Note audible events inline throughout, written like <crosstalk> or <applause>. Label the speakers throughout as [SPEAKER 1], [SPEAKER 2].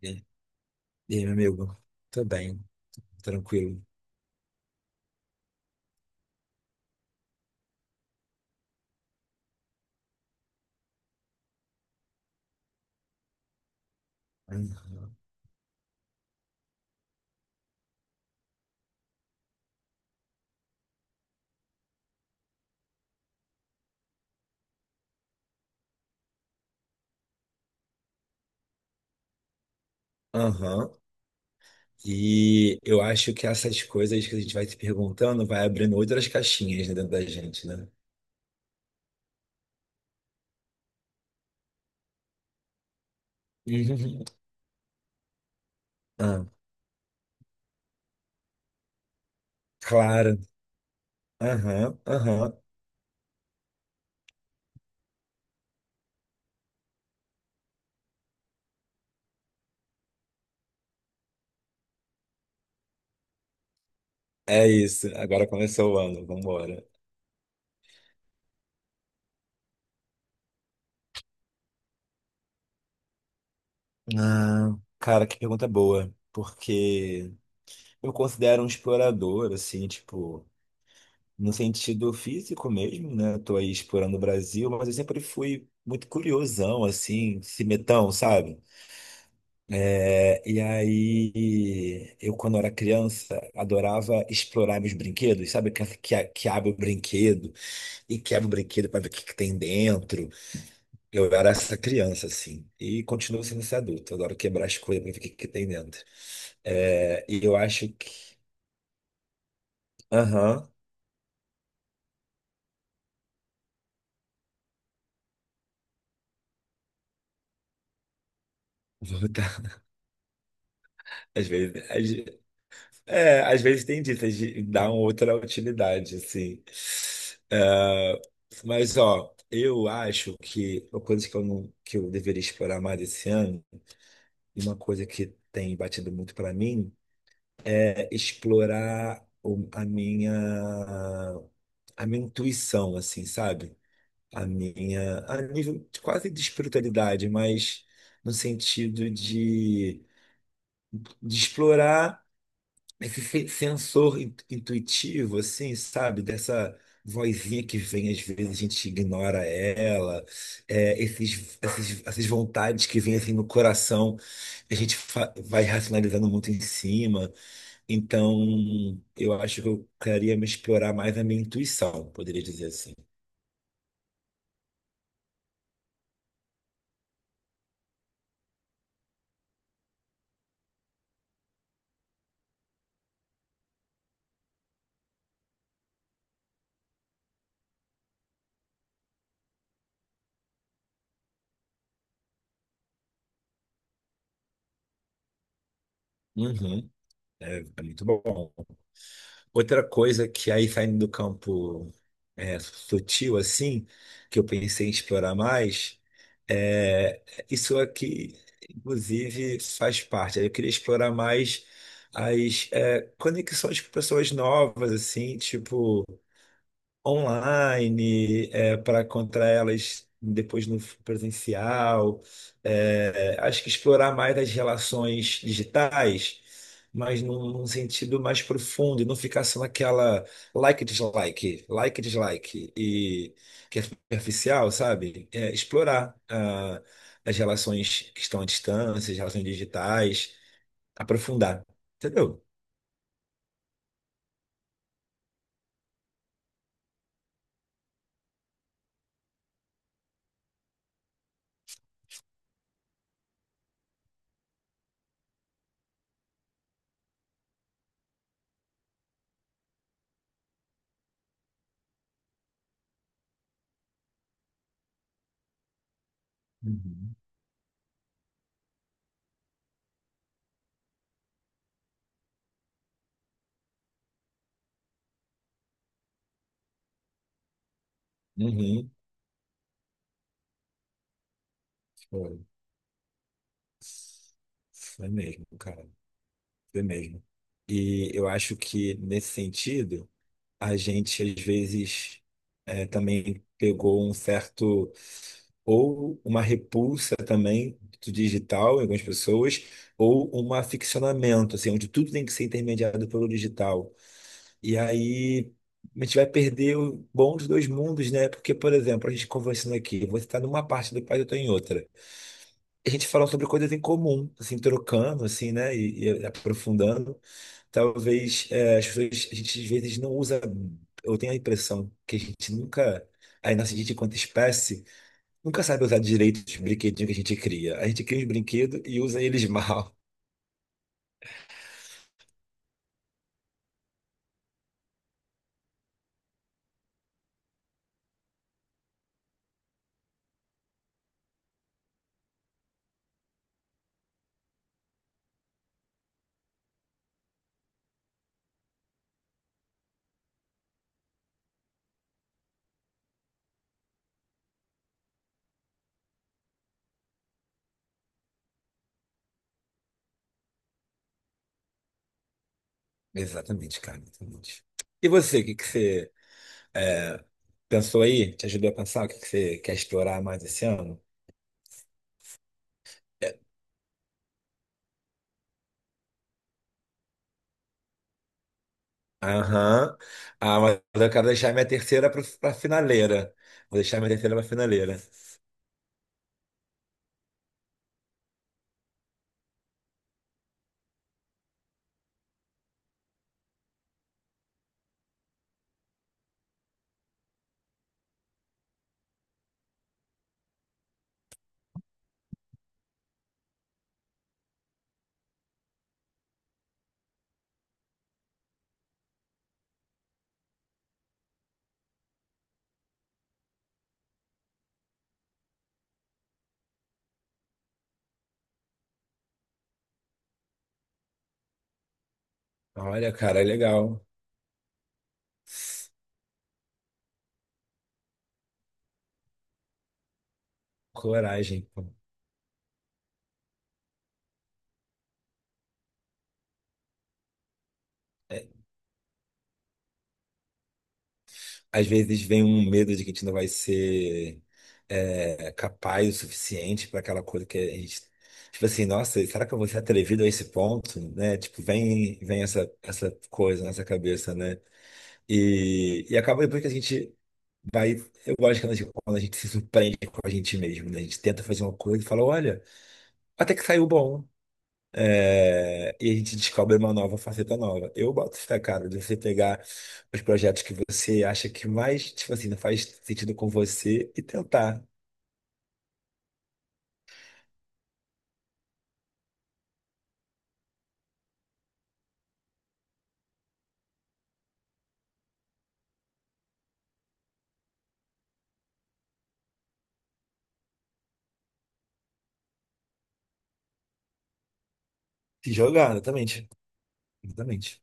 [SPEAKER 1] E e aí, meu amigo? Tô bem, tranquilo. Aham. Aham. E eu acho que essas coisas que a gente vai se perguntando vai abrindo outras caixinhas, né, dentro da gente, né? <laughs> Uhum. Ah, claro. Aham, aham. É isso. Agora começou o ano, vambora. Ah, cara, que pergunta boa. Porque eu considero um explorador, assim, tipo. No sentido físico mesmo, né? Tô aí explorando o Brasil, mas eu sempre fui muito curiosão, assim, cimetão, sabe? É, e aí, eu quando era criança, adorava explorar meus brinquedos, sabe? Que abre o brinquedo e quebra o brinquedo para ver o que tem dentro. Eu era essa criança, assim, e continuo sendo esse adulto. Eu adoro quebrar as coisas para ver o que tem dentro. É, e eu acho que. Aham. <laughs> Vou botar às vezes. É, às vezes tem disso, de dar uma outra utilidade, assim. É, mas, ó, eu acho que uma coisa que eu, não, que eu deveria explorar mais esse ano, e uma coisa que tem batido muito para mim, é explorar a minha, intuição, assim, sabe? A minha, a nível quase de espiritualidade, mas no sentido de explorar esse sensor intuitivo, assim, sabe? Dessa vozinha que vem, às vezes a gente ignora ela, é, esses, essas vontades que vêm assim no coração, a gente vai racionalizando muito em cima. Então, eu acho que eu queria me explorar mais a minha intuição, poderia dizer assim. Uhum, é muito bom. Outra coisa que aí saindo do campo é, sutil assim, que eu pensei em explorar mais, é isso aqui, inclusive, faz parte. Eu queria explorar mais as conexões com pessoas novas, assim, tipo online, para contra elas depois no presencial. É, acho que explorar mais as relações digitais, mas num sentido mais profundo, e não ficar só naquela like e dislike, like e dislike, e que é superficial, sabe? É, explorar as relações que estão à distância, as relações digitais, aprofundar, entendeu? Uhum. Uhum. Foi, foi mesmo, cara. É mesmo. E eu acho que, nesse sentido, a gente, às vezes, também pegou um certo, ou uma repulsa também do digital em algumas pessoas, ou um aficionamento, assim, onde tudo tem que ser intermediado pelo digital. E aí a gente vai perder o bom dos dois mundos, né? Porque, por exemplo, a gente conversando aqui, você está numa parte do país, eu estou em outra. A gente falando sobre coisas em comum, assim, trocando, assim, né? E aprofundando. Talvez as pessoas, a gente às vezes não usa. Eu tenho a impressão que a gente nunca, a nossa gente, enquanto espécie, nunca sabe usar direito os brinquedinhos que a gente cria. A gente cria os brinquedos e usa eles <laughs> mal. Exatamente, cara, exatamente. E você, o que que você eh, pensou aí? Te ajudou a pensar o que que você quer explorar mais esse ano? É. Aham. Ah, mas eu quero deixar minha terceira para pra finaleira. Vou deixar minha terceira pra finaleira. Olha, cara, legal. Coragem. É, às vezes vem um medo de que a gente não vai ser capaz o suficiente para aquela coisa que a gente. Tipo assim, nossa, será que eu vou ser atrevido a esse ponto? Né? Tipo, vem essa coisa na nossa cabeça, né? E acaba depois que a gente vai. Eu gosto quando a gente se surpreende com a gente mesmo, né? A gente tenta fazer uma coisa e fala, olha, até que saiu bom. É, e a gente descobre uma nova faceta nova. Eu boto fé, cara, de você pegar os projetos que você acha que mais, tipo assim, não faz sentido com você e tentar se jogar, exatamente. Exatamente.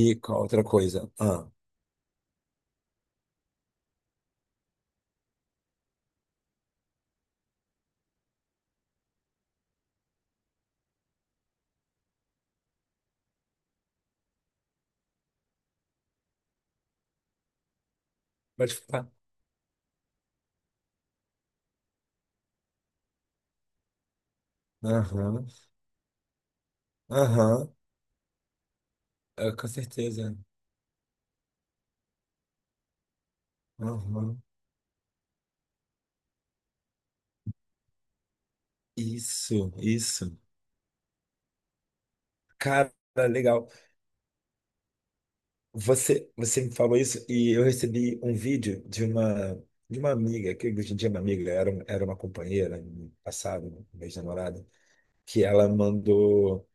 [SPEAKER 1] E qual outra coisa? Ah, pode falar. Aham, aham, é, com certeza. Aham. Isso, isso. Cara, legal. Você me falou isso e eu recebi um vídeo de uma amiga, que hoje em dia é uma amiga, era, era uma companheira no passado, uma ex-namorada, que ela mandou.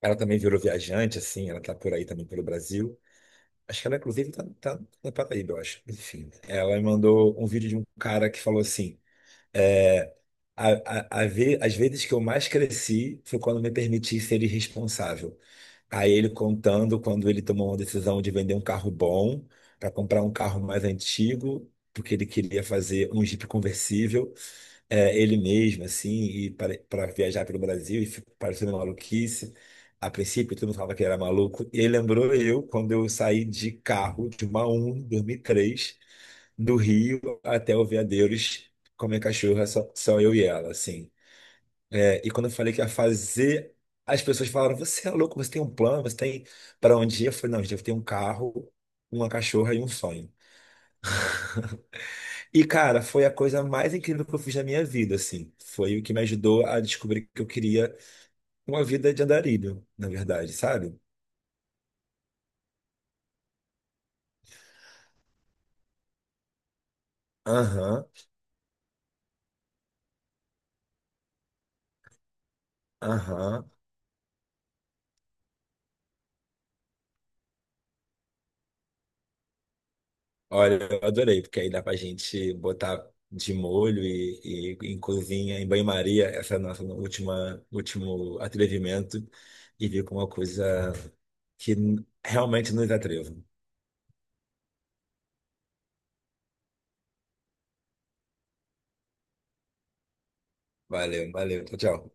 [SPEAKER 1] Ela também virou viajante, assim, ela tá por aí também pelo Brasil. Acho que ela, inclusive, tá na Paraíba, eu acho. Enfim, ela me mandou um vídeo de um cara que falou assim. É, a, as vezes que eu mais cresci foi quando me permiti ser irresponsável. Aí ele contando quando ele tomou uma decisão de vender um carro bom para comprar um carro mais antigo, porque ele queria fazer um Jeep conversível, ele mesmo, assim, e para viajar pelo Brasil, e ficou parecendo uma maluquice. A princípio, todo mundo falava que ele era maluco. E ele lembrou eu quando eu saí de carro de uma Uno em 2003 do Rio até o Veadeiros com minha cachorra, só, só eu e ela, assim. É, e quando eu falei que ia fazer, as pessoas falaram: Você é louco, você tem um plano, você tem para onde ir? Eu falei: Não, gente, eu tenho um carro, uma cachorra e um sonho. E, cara, foi a coisa mais incrível que eu fiz na minha vida, assim. Foi o que me ajudou a descobrir que eu queria uma vida de andarilho, na verdade, sabe? Aham, aham. Olha, eu adorei, porque aí dá pra gente botar de molho e em cozinha, em banho-maria, essa nossa última, último atrevimento e vir com uma coisa que realmente nos atreva. Valeu, valeu, tchau, tchau.